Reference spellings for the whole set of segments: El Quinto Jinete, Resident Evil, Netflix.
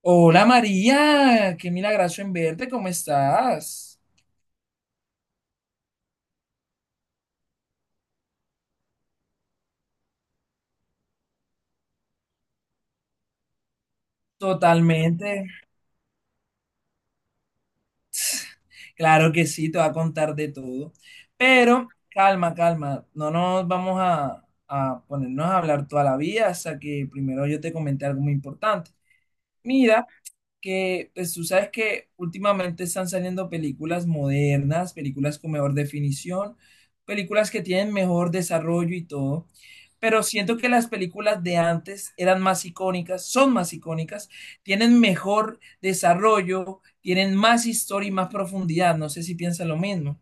Hola María, qué milagroso en verte, ¿cómo estás? Totalmente, claro que sí, te voy a contar de todo. Pero calma, calma, no nos vamos a ponernos a hablar toda la vida hasta que primero yo te comente algo muy importante. Mira, que, pues tú sabes que últimamente están saliendo películas modernas, películas con mejor definición, películas que tienen mejor desarrollo y todo, pero siento que las películas de antes eran más icónicas, son más icónicas, tienen mejor desarrollo, tienen más historia y más profundidad, no sé si piensan lo mismo.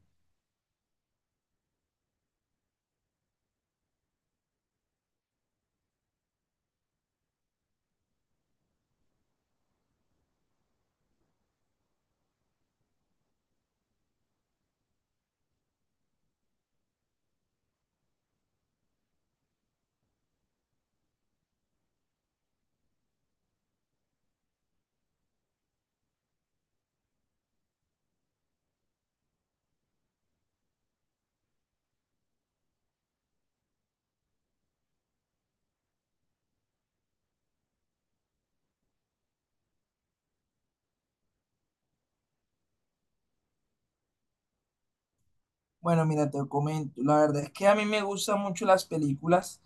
Bueno, mira, te comento. La verdad es que a mí me gustan mucho las películas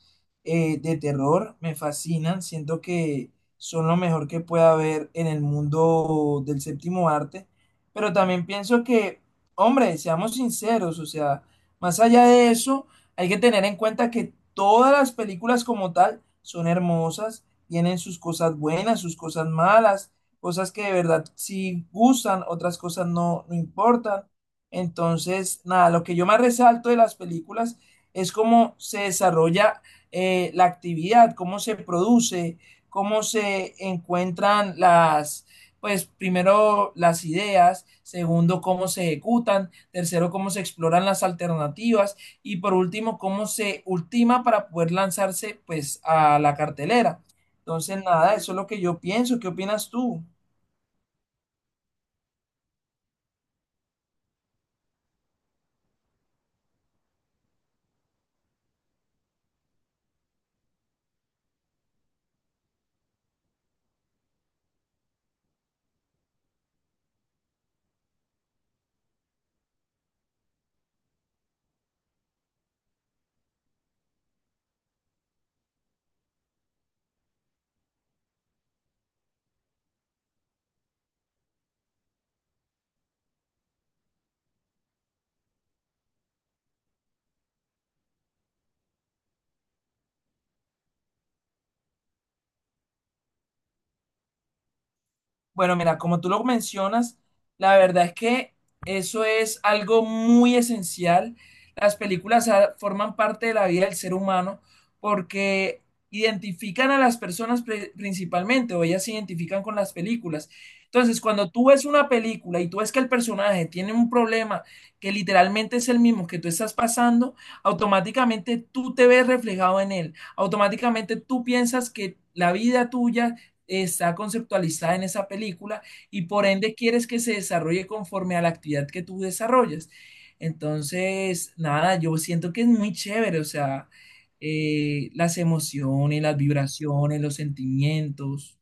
de terror, me fascinan. Siento que son lo mejor que puede haber en el mundo del séptimo arte. Pero también pienso que, hombre, seamos sinceros, o sea, más allá de eso, hay que tener en cuenta que todas las películas como tal son hermosas, tienen sus cosas buenas, sus cosas malas, cosas que de verdad sí gustan, otras cosas no, no importan. Entonces, nada, lo que yo más resalto de las películas es cómo se desarrolla la actividad, cómo se produce, cómo se encuentran las, pues primero las ideas, segundo cómo se ejecutan, tercero cómo se exploran las alternativas y por último cómo se ultima para poder lanzarse pues a la cartelera. Entonces, nada, eso es lo que yo pienso. ¿Qué opinas tú? Bueno, mira, como tú lo mencionas, la verdad es que eso es algo muy esencial. Las películas forman parte de la vida del ser humano porque identifican a las personas principalmente, o ellas se identifican con las películas. Entonces, cuando tú ves una película y tú ves que el personaje tiene un problema que literalmente es el mismo que tú estás pasando, automáticamente tú te ves reflejado en él. Automáticamente tú piensas que la vida tuya está conceptualizada en esa película y por ende quieres que se desarrolle conforme a la actividad que tú desarrollas. Entonces, nada, yo siento que es muy chévere, o sea, las emociones, las vibraciones, los sentimientos.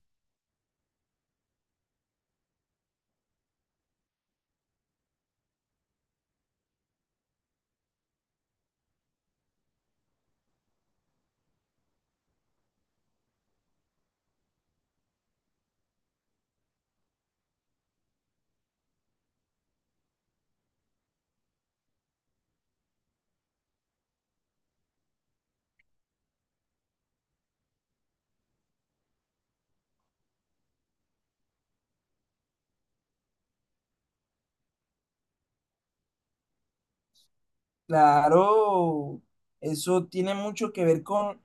Claro, eso tiene mucho que ver con,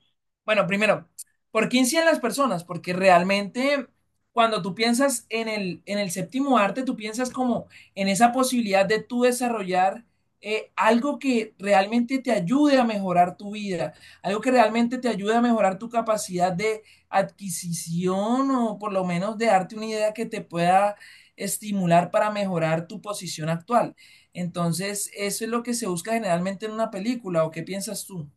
bueno, primero, ¿por qué inciden las personas? Porque realmente cuando tú piensas en en el séptimo arte, tú piensas como en esa posibilidad de tú desarrollar algo que realmente te ayude a mejorar tu vida, algo que realmente te ayude a mejorar tu capacidad de adquisición o por lo menos de darte una idea que te pueda estimular para mejorar tu posición actual. Entonces, eso es lo que se busca generalmente en una película, ¿o qué piensas tú?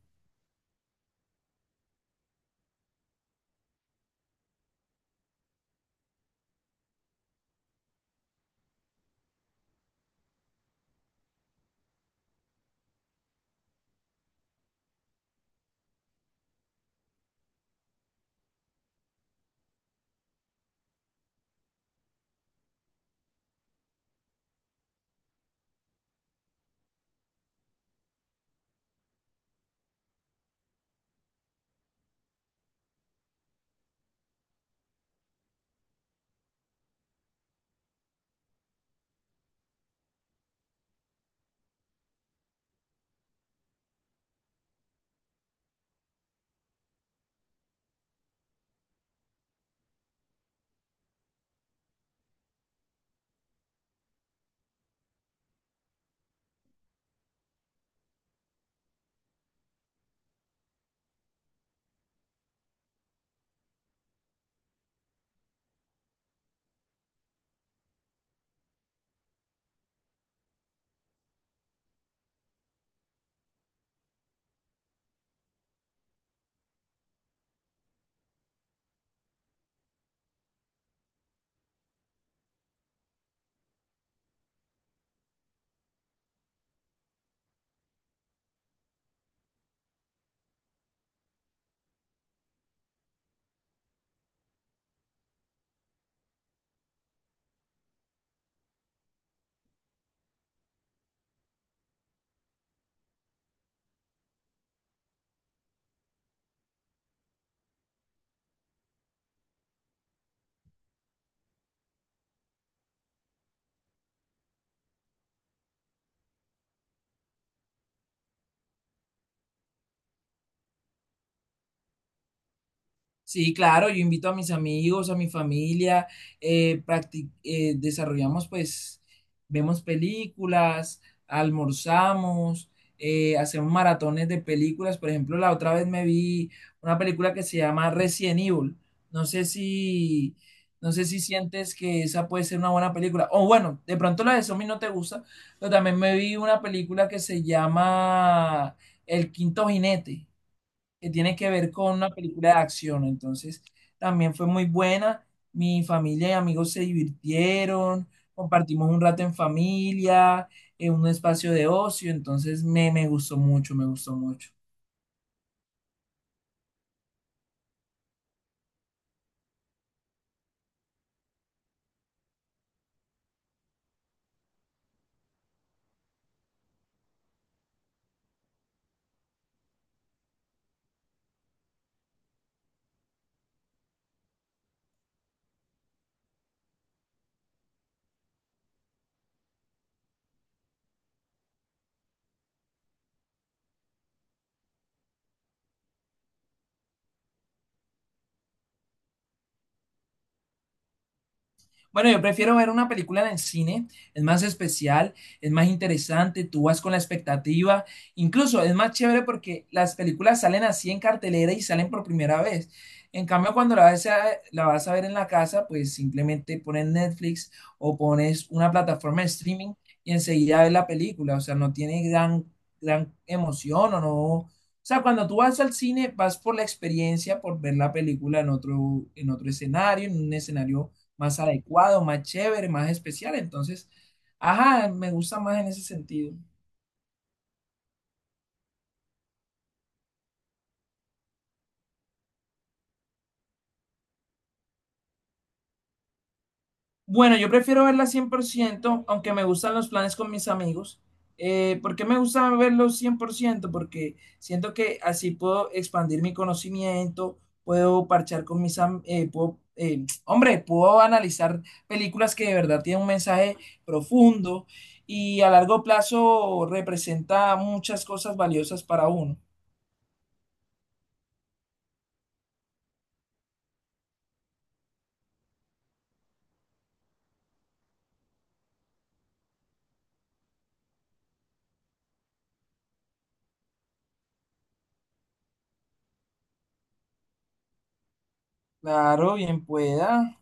Sí, claro, yo invito a mis amigos, a mi familia, desarrollamos pues, vemos películas, almorzamos, hacemos maratones de películas. Por ejemplo, la otra vez me vi una película que se llama Resident Evil. No sé si, no sé si sientes que esa puede ser una buena película. O bueno, de pronto la de Zombie no te gusta, pero también me vi una película que se llama El Quinto Jinete que tiene que ver con una película de acción. Entonces, también fue muy buena. Mi familia y amigos se divirtieron, compartimos un rato en familia, en un espacio de ocio. Entonces, me gustó mucho, me gustó mucho. Bueno, yo prefiero ver una película en el cine, es más especial, es más interesante, tú vas con la expectativa, incluso es más chévere porque las películas salen así en cartelera y salen por primera vez. En cambio, cuando la vas a ver en la casa, pues simplemente pones Netflix o pones una plataforma de streaming y enseguida ves la película, o sea, no tiene gran emoción o no. O sea, cuando tú vas al cine, vas por la experiencia, por ver la película en en otro escenario, en un escenario más adecuado, más chévere, más especial. Entonces, ajá, me gusta más en ese sentido. Bueno, yo prefiero verla 100% aunque me gustan los planes con mis amigos. ¿Por qué me gusta verlos ciento? Porque siento que así puedo expandir mi conocimiento, puedo parchar con puedo, hombre, puedo analizar películas que de verdad tienen un mensaje profundo y a largo plazo representa muchas cosas valiosas para uno. Claro, bien pueda.